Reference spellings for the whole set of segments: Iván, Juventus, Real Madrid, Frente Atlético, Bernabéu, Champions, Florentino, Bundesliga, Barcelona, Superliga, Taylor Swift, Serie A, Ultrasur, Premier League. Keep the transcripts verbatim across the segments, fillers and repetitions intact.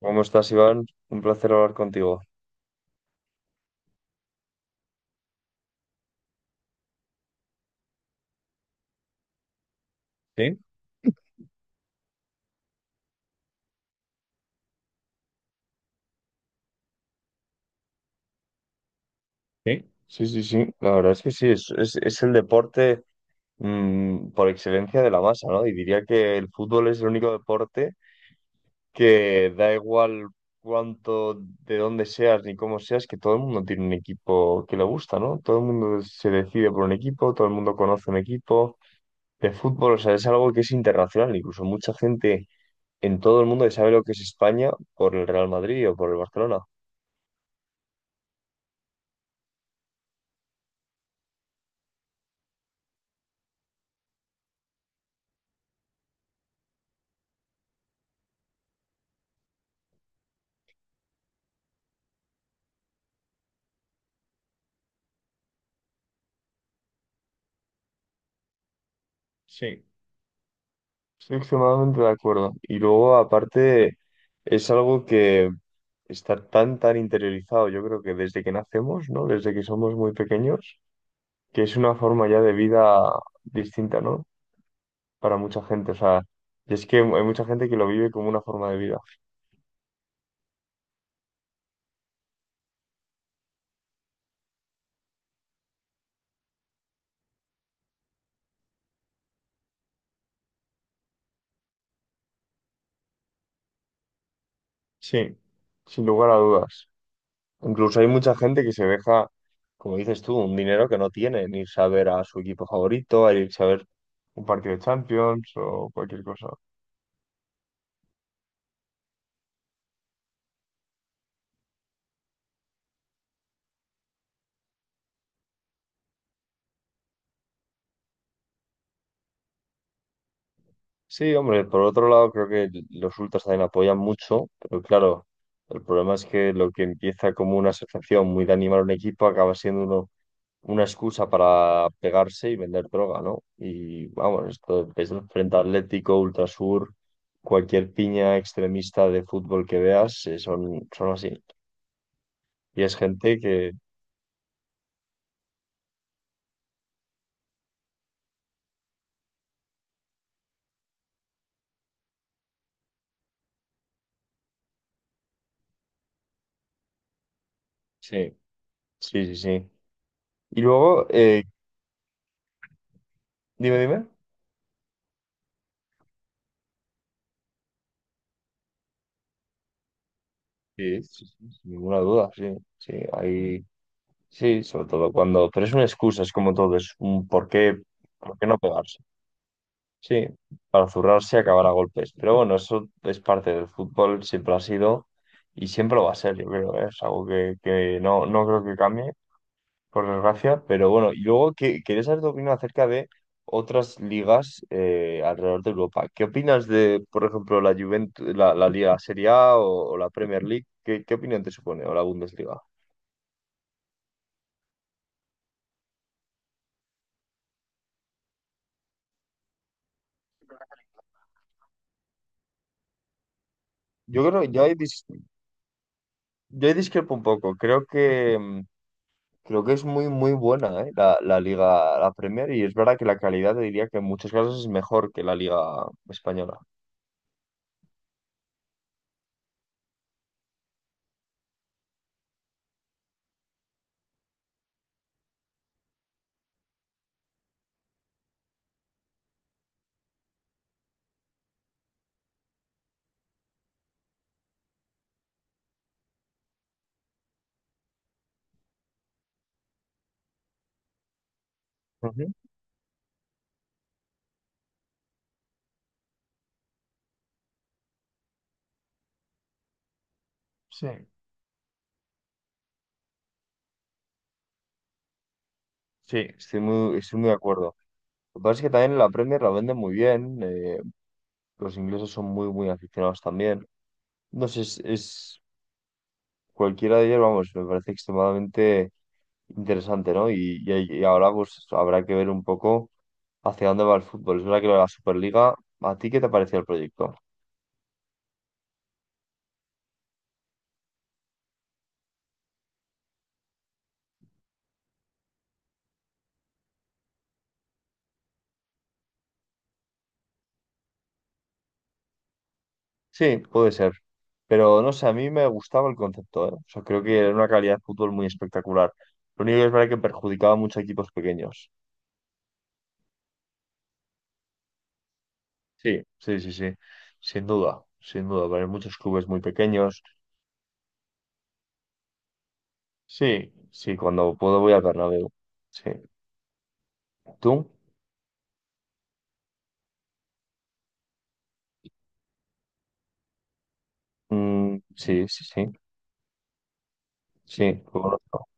¿Cómo estás, Iván? Un placer hablar contigo. Sí, sí, sí, sí, sí. La verdad es que sí, es, es- es el deporte mm, por excelencia de la masa, ¿no? Y diría que el fútbol es el único deporte que da igual cuánto, de dónde seas ni cómo seas, que todo el mundo tiene un equipo que le gusta, ¿no? Todo el mundo se decide por un equipo, todo el mundo conoce un equipo de fútbol, o sea, es algo que es internacional, incluso mucha gente en todo el mundo que sabe lo que es España por el Real Madrid o por el Barcelona. Sí. Estoy extremadamente de acuerdo. Y luego, aparte, es algo que está tan, tan interiorizado, yo creo que desde que nacemos, ¿no? Desde que somos muy pequeños, que es una forma ya de vida distinta, ¿no? Para mucha gente. O sea, y es que hay mucha gente que lo vive como una forma de vida. Sí, sin lugar a dudas. Incluso hay mucha gente que se deja, como dices tú, un dinero que no tiene, en irse a ver a su equipo favorito, a irse a ver un partido de Champions o cualquier cosa. Sí, hombre, por otro lado creo que los ultras también apoyan mucho, pero claro, el problema es que lo que empieza como una asociación muy de animar a un equipo acaba siendo uno, una excusa para pegarse y vender droga, ¿no? Y vamos, esto es el Frente Atlético, Ultrasur, cualquier piña extremista de fútbol que veas, eh, son, son así. Y es gente que. Sí, sí, sí, sí. Y luego, eh, dime, dime. Sí, sí, sí, sin ninguna duda, sí, sí, hay. Sí, sobre todo cuando, pero es una excusa, es como todo, es un por qué, por qué no pegarse. Sí, para zurrarse y acabar a golpes. Pero bueno, eso es parte del fútbol, siempre ha sido y siempre lo va a ser, yo creo, ¿eh? Es algo que, que no, no creo que cambie, por desgracia. Pero bueno, y luego que, quería saber tu opinión acerca de otras ligas eh, alrededor de Europa. ¿Qué opinas de, por ejemplo, la Juventus, la, la Liga Serie A o, o la Premier League? ¿Qué, qué opinión te supone? O la Bundesliga. Yo creo que ya hay dis- Yo discrepo un poco. Creo que mm, creo que es muy muy buena, ¿eh? la, la Liga, la Premier, y es verdad que la calidad te diría que en muchos casos es mejor que la Liga española. Ujú. Sí. Sí, estoy muy, estoy muy de acuerdo. Lo que pasa es que también la Premier la venden muy bien, eh, los ingleses son muy, muy aficionados también. No sé, es, es- cualquiera de ellos, vamos, me parece extremadamente interesante, ¿no? Y, y, ahí- y ahora pues habrá que ver un poco hacia dónde va el fútbol. Es verdad que lo de la Superliga, ¿a ti qué te pareció el proyecto? Sí, puede ser. Pero no sé, a mí me gustaba el concepto, ¿eh? O sea, creo que era una calidad de fútbol muy espectacular. Lo único que es verdad que perjudicaba mucho a equipos pequeños. Sí, sí, sí, sí. Sin duda, sin duda. Pero hay muchos clubes muy pequeños. Sí, sí, cuando puedo voy al Bernabéu. Sí. ¿Tú? Mm, sí, sí, sí. Sí, lo conozco.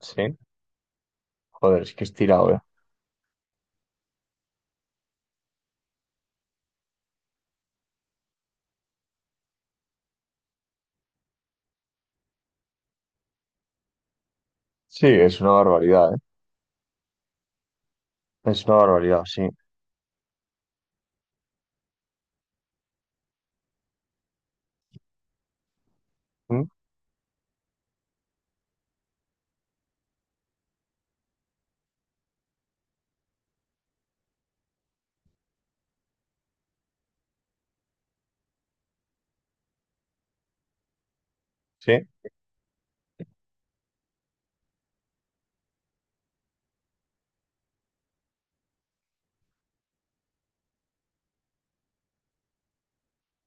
Sí. Joder, es que es tirado, ¿eh? Sí, es una barbaridad, ¿eh? Es una barbaridad, sí. Mm. Sí,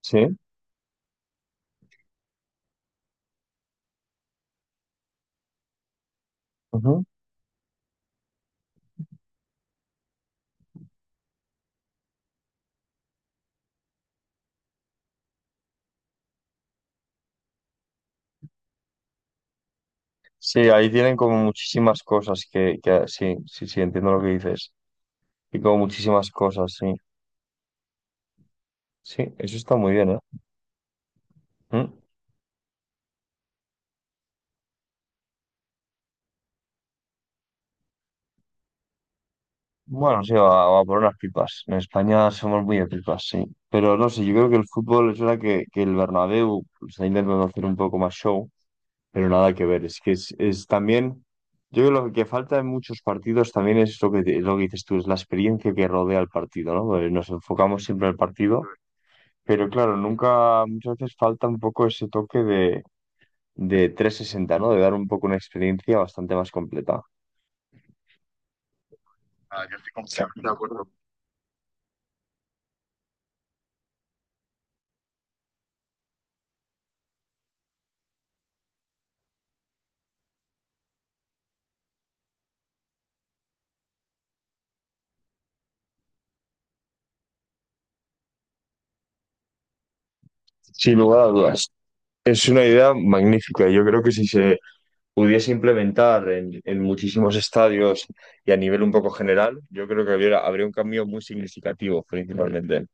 sí. Sí, ahí tienen como muchísimas cosas que, que sí, sí, sí, entiendo lo que dices. Y como muchísimas cosas, sí. Sí, eso está muy bien, ¿eh? Mm. Bueno, sí, va, va por unas pipas. En España somos muy de pipas, sí. Pero no sé, yo creo que el fútbol es verdad que, que el Bernabéu pues, está intentando hacer un poco más show, pero nada que ver. Es que es, es también, yo creo que lo que falta en muchos partidos también es lo que, te- lo que dices tú, es la experiencia que rodea el partido, ¿no? Porque nos enfocamos siempre en el partido. Pero claro, nunca, muchas veces falta un poco ese toque de, de, trescientos sesenta, ¿no? De dar un poco una experiencia bastante más completa. Sin lugar a dudas. Es una idea magnífica. Yo creo que si se pudiese implementar en, en muchísimos estadios y a nivel un poco general, yo creo que habría, habría un cambio muy significativo, principalmente.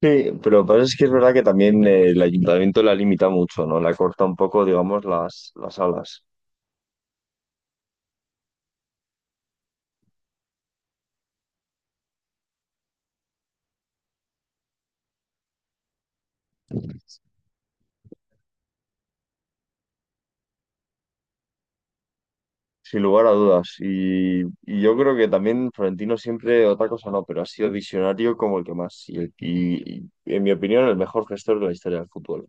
Sí, pero lo que pasa es que es verdad que también eh, el ayuntamiento la limita mucho, ¿no? La corta un poco, digamos, las, las alas. Sin lugar a dudas. Y, y yo creo que también Florentino siempre, otra cosa no, pero ha sido visionario como el que más. Y, el- y- y, en mi opinión, el mejor gestor de la historia del fútbol.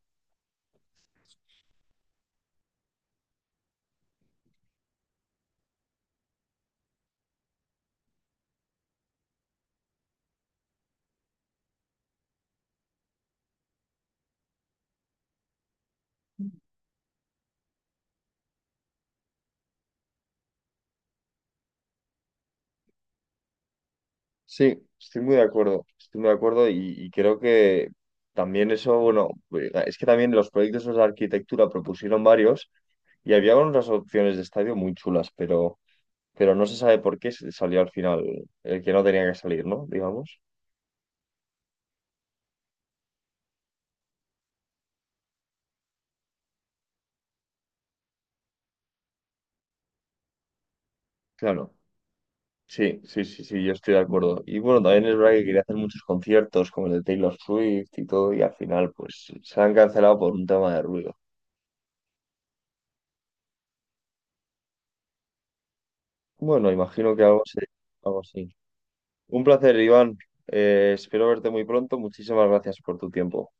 Sí, estoy muy de acuerdo. Estoy muy de acuerdo y, y creo que también eso, bueno, pues, es que también los proyectos esos de arquitectura propusieron varios y había unas opciones de estadio muy chulas, pero, pero no se sabe por qué salió al final el que no tenía que salir, ¿no? Digamos. Claro. Sí, sí, sí, sí, yo estoy de acuerdo. Y bueno, también es verdad que quería hacer muchos conciertos como el de Taylor Swift y todo, y al final pues se han cancelado por un tema de ruido. Bueno, imagino que algo, se- algo así. Un placer, Iván. Eh, espero verte muy pronto. Muchísimas gracias por tu tiempo.